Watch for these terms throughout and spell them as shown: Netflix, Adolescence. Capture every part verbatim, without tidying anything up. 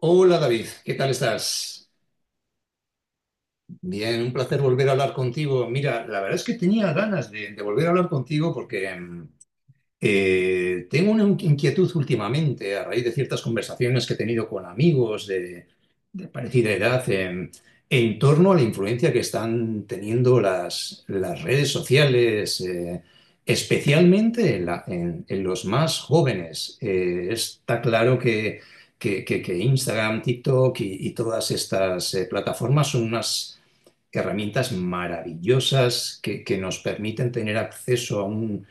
Hola David, ¿qué tal estás? Bien, un placer volver a hablar contigo. Mira, la verdad es que tenía ganas de, de volver a hablar contigo porque mm, eh, tengo una inquietud últimamente a raíz de ciertas conversaciones que he tenido con amigos de, de parecida edad em, en torno a la influencia que están teniendo las, las redes sociales, eh, especialmente en, la- en- en los más jóvenes. Eh, está claro que, que- que- que Instagram, TikTok y, y todas estas eh, plataformas son unas herramientas maravillosas que que nos permiten tener acceso a un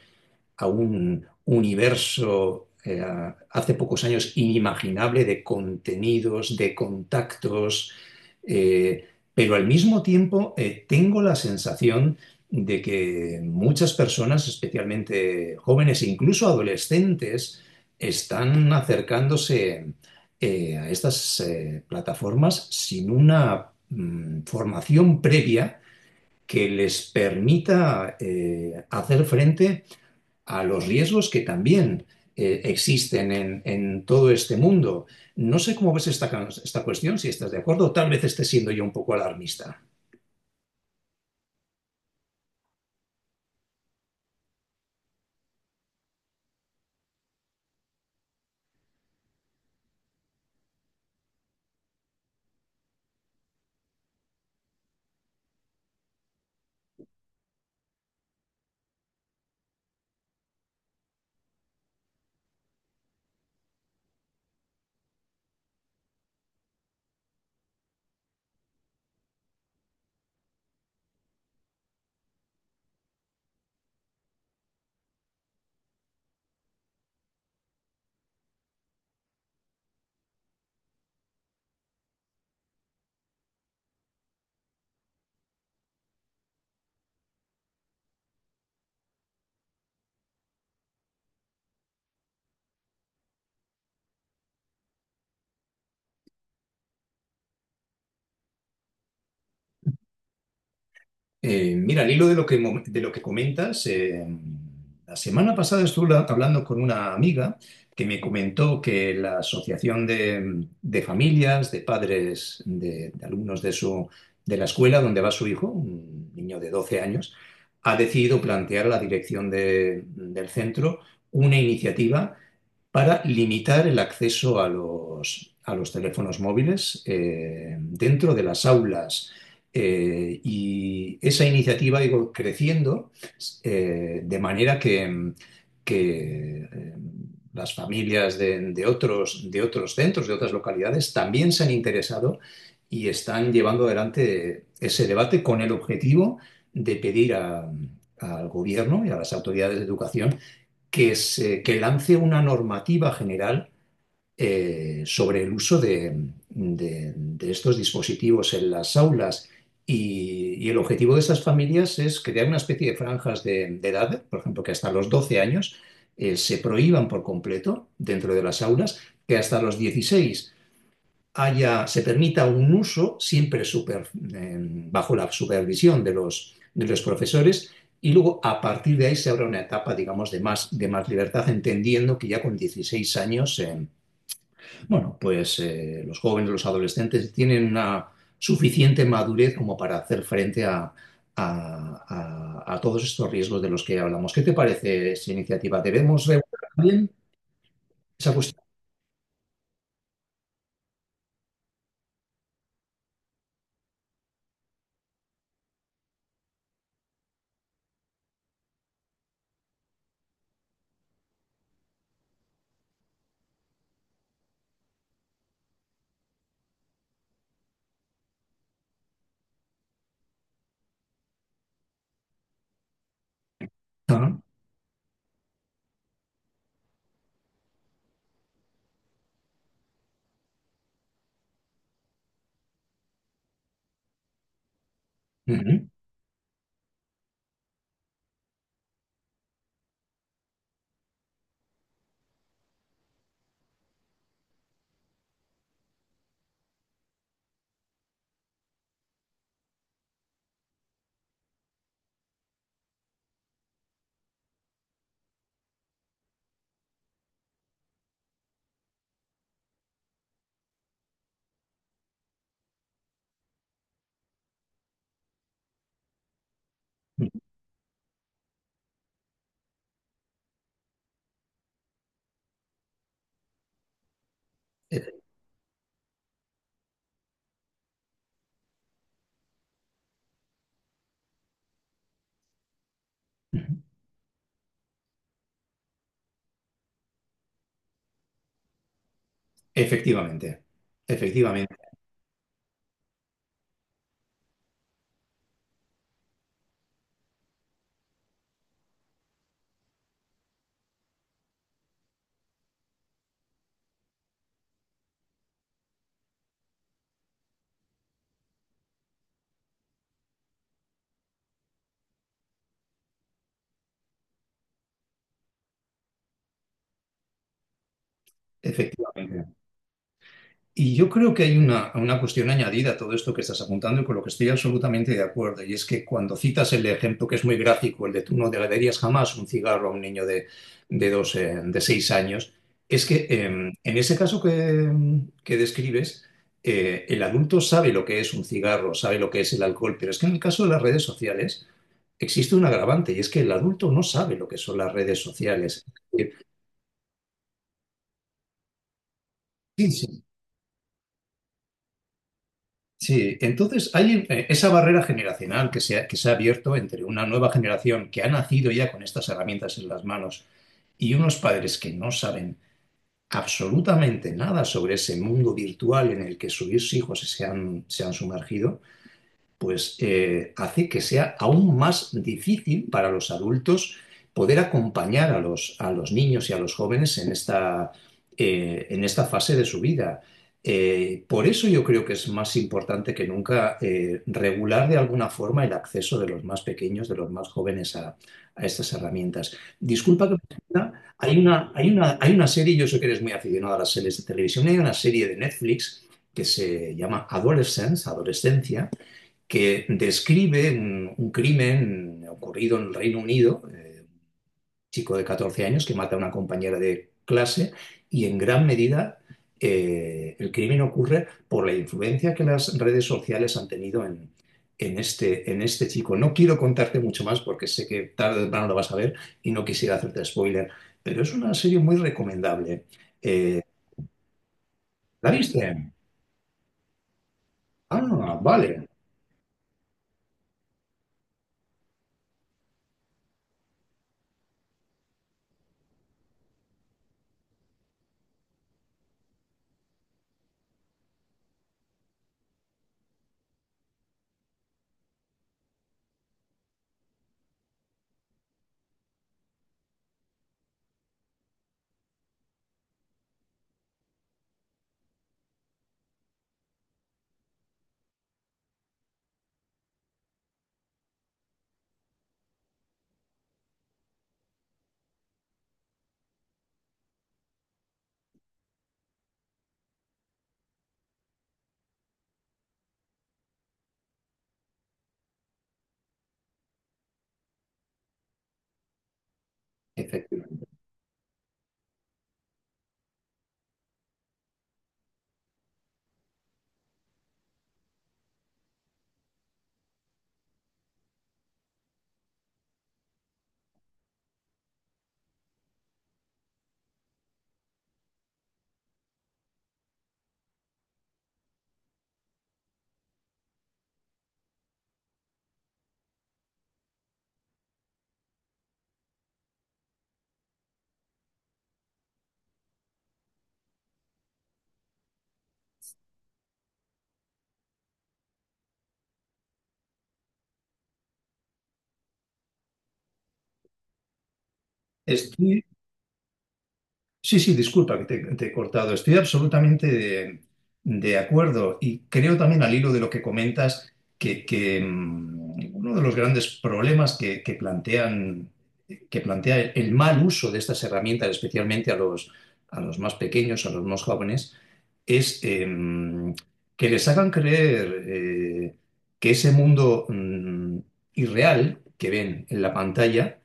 a un universo eh, hace pocos años inimaginable de contenidos, de contactos, eh, pero al mismo tiempo eh, tengo la sensación de que muchas personas, especialmente jóvenes e incluso adolescentes, están acercándose eh, a estas eh, plataformas sin una mm, formación previa que les permita eh, hacer frente a los riesgos que también eh, existen en, en, todo este mundo. No sé cómo ves esta, esta cuestión, si estás de acuerdo, o tal vez esté siendo yo un poco alarmista. Eh, mira, al hilo de lo que, mo- de lo que comentas, eh, la semana pasada estuve la- hablando con una amiga que me comentó que la Asociación de, de Familias, de padres de, de alumnos de, su, de la escuela donde va su hijo, un niño de doce años, ha decidido plantear a la dirección de- del centro una iniciativa para limitar el acceso a los, a los teléfonos móviles eh, dentro de las aulas. Eh, y esa iniciativa ha ido creciendo eh, de manera que, que, eh, las familias de, de otros de otros centros, de otras localidades, también se han interesado y están llevando adelante ese debate con el objetivo de pedir a- al gobierno y a las autoridades de educación que, se, que lance una normativa general eh, sobre el uso de, de- de estos dispositivos en las aulas. Y, y el objetivo de esas familias es crear una especie de franjas de, de edad, por ejemplo, que hasta los doce años eh, se prohíban por completo dentro de las aulas, que hasta los dieciséis haya, se permita un uso siempre super, eh, bajo la supervisión de los, de los profesores y luego a partir de ahí se abre una etapa, digamos, de más, de más libertad, entendiendo que ya con dieciséis años, eh, bueno, pues eh, los jóvenes, los adolescentes tienen una suficiente madurez como para hacer frente a, a, a, a todos estos riesgos de los que hablamos. ¿Qué te parece esa iniciativa? ¿Debemos regular también esa cuestión? Ah, ujú, ujú, eh, efectivamente, efectivamente, efectivamente. Y yo creo que hay una, una cuestión añadida a todo esto que estás apuntando y con lo que estoy absolutamente de acuerdo, y es que cuando citas el ejemplo que es muy gráfico, el de tú no le darías jamás un cigarro a un niño de, de, doce, de seis años, es que eh, en ese caso que, que describes, eh, el adulto sabe lo que es un cigarro, sabe lo que es el alcohol, pero es que en el caso de las redes sociales existe un agravante, y es que el adulto no sabe lo que son las redes sociales. Sí, sí. Sí, entonces hay eh, esa barrera generacional que se ha, que se ha abierto entre una nueva generación que ha nacido ya con estas herramientas en las manos y unos padres que no saben absolutamente nada sobre ese mundo virtual en el que sus hijos se han, se han sumergido pues eh, hace que sea aún más difícil para los adultos poder acompañar a los, a los niños y a los jóvenes en esta, eh, en esta fase de su vida. Eh, por eso yo creo que es más importante que nunca eh, regular de alguna forma el acceso de los más pequeños, de los más jóvenes a, a estas herramientas. Disculpa que me extienda, hay una, hay una, hay una serie, yo sé que eres muy aficionado a las series de televisión, hay una serie de Netflix que se llama Adolescence, Adolescencia, que describe un, un crimen ocurrido en el Reino Unido, eh, un chico de catorce años que mata a una compañera de clase y en gran medida eh, el crimen ocurre por la influencia que las redes sociales han tenido en, en este, en este chico. No quiero contarte mucho más porque sé que tarde o temprano lo vas a ver y no quisiera hacerte spoiler, pero es una serie muy recomendable. Eh, ¿La viste? Ah, vale, efectivamente. Estoy- Sí, sí, disculpa que te, te he cortado. Estoy absolutamente de, de acuerdo y creo también al hilo de lo que comentas que, que, mm, uno de los grandes problemas que, que plantean, que plantea el, el mal uso de estas herramientas, especialmente a los, a los más pequeños, a los más jóvenes, es em, que les hagan creer eh, que ese mundo mm, irreal que ven en la pantalla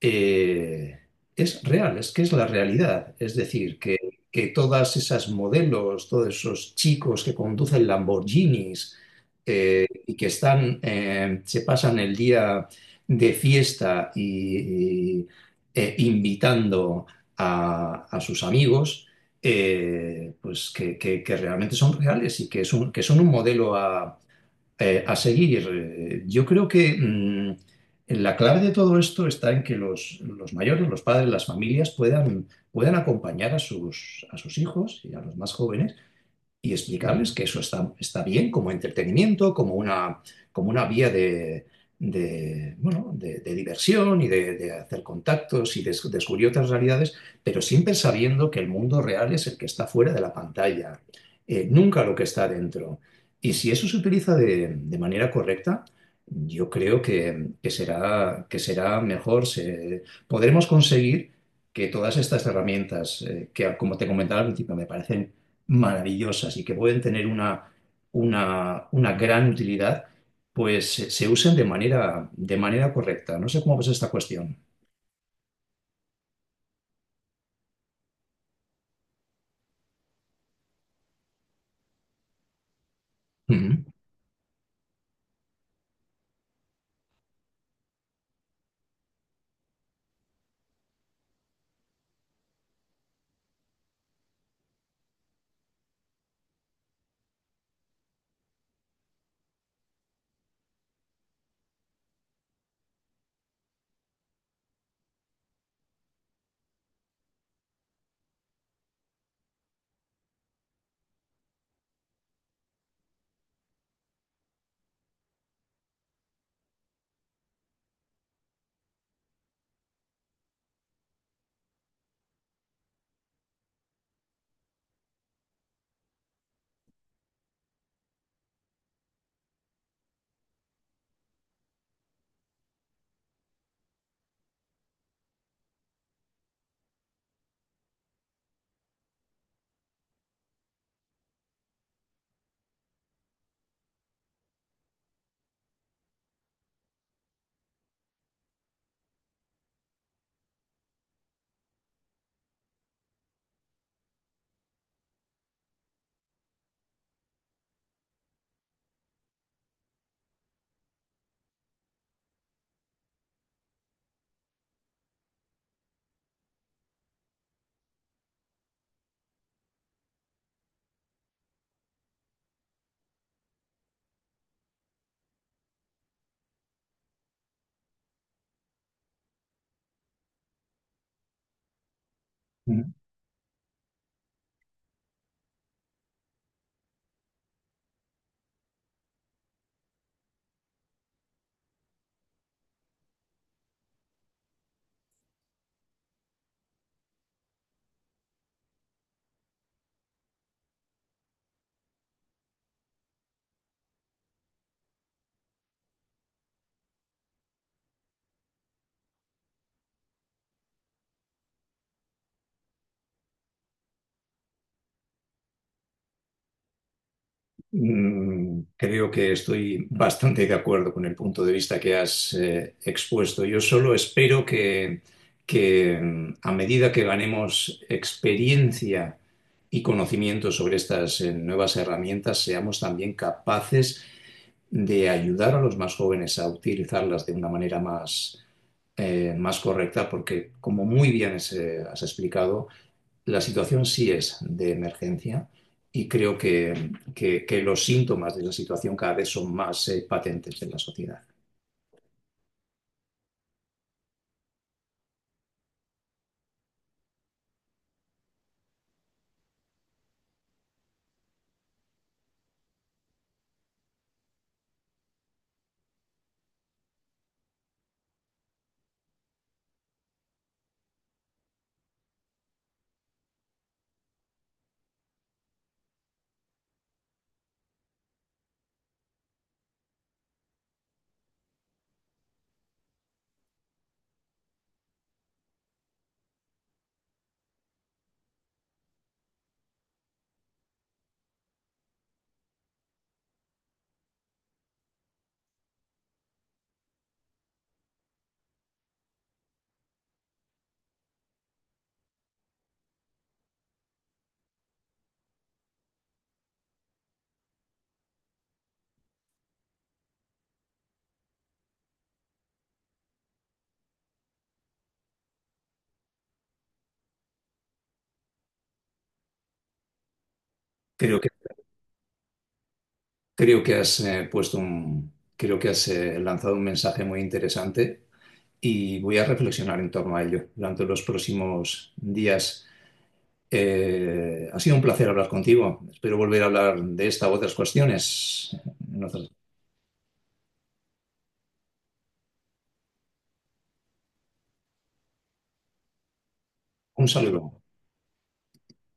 eh, es real, es que es la realidad. Es decir, que, que todas esas modelos, todos esos chicos que conducen Lamborghinis eh, y que están, eh, se pasan el día de fiesta y, y, eh, invitando a, a sus amigos, eh, pues que, que- que realmente son reales y que, es un- que son un modelo eh, a seguir, eh, yo creo que mm, la clave de todo esto está en que los, los mayores, los padres, las familias puedan, puedan acompañar a sus, a sus hijos y a los más jóvenes y explicarles que eso está, está bien como entretenimiento, como una, como una vía de, de, bueno, de, de diversión y de, de hacer contactos y de descubrir otras realidades, pero siempre sabiendo que el mundo real es el que está fuera de la pantalla, eh, nunca lo que está dentro. Y si eso se utiliza de, de manera correcta, yo creo que, que será, que será mejor, se- podremos conseguir que todas estas herramientas, eh, que como te comentaba al principio, me parecen maravillosas y que pueden tener una, una, una gran utilidad, pues se, se usen de manera, de manera correcta. No sé cómo ves esta cuestión. Ujú. Mm, Creo que estoy bastante de acuerdo con el punto de vista que has eh, expuesto. Yo solo espero que, que mm, a medida que ganemos experiencia y conocimiento sobre estas eh, nuevas herramientas, seamos también capaces de ayudar a los más jóvenes a utilizarlas de una manera más, eh, más correcta, porque como muy bien es, eh, has explicado, la situación sí es de emergencia y creo que, que, que los síntomas de la situación cada vez son más eh, patentes en la sociedad. Creo que, creo que has eh, puesto un, Creo que has eh, lanzado un mensaje muy interesante y voy a reflexionar en torno a ello durante los próximos días. Eh, ha sido un placer hablar contigo. Espero volver a hablar de esta u otras cuestiones. en otras- Un saludo.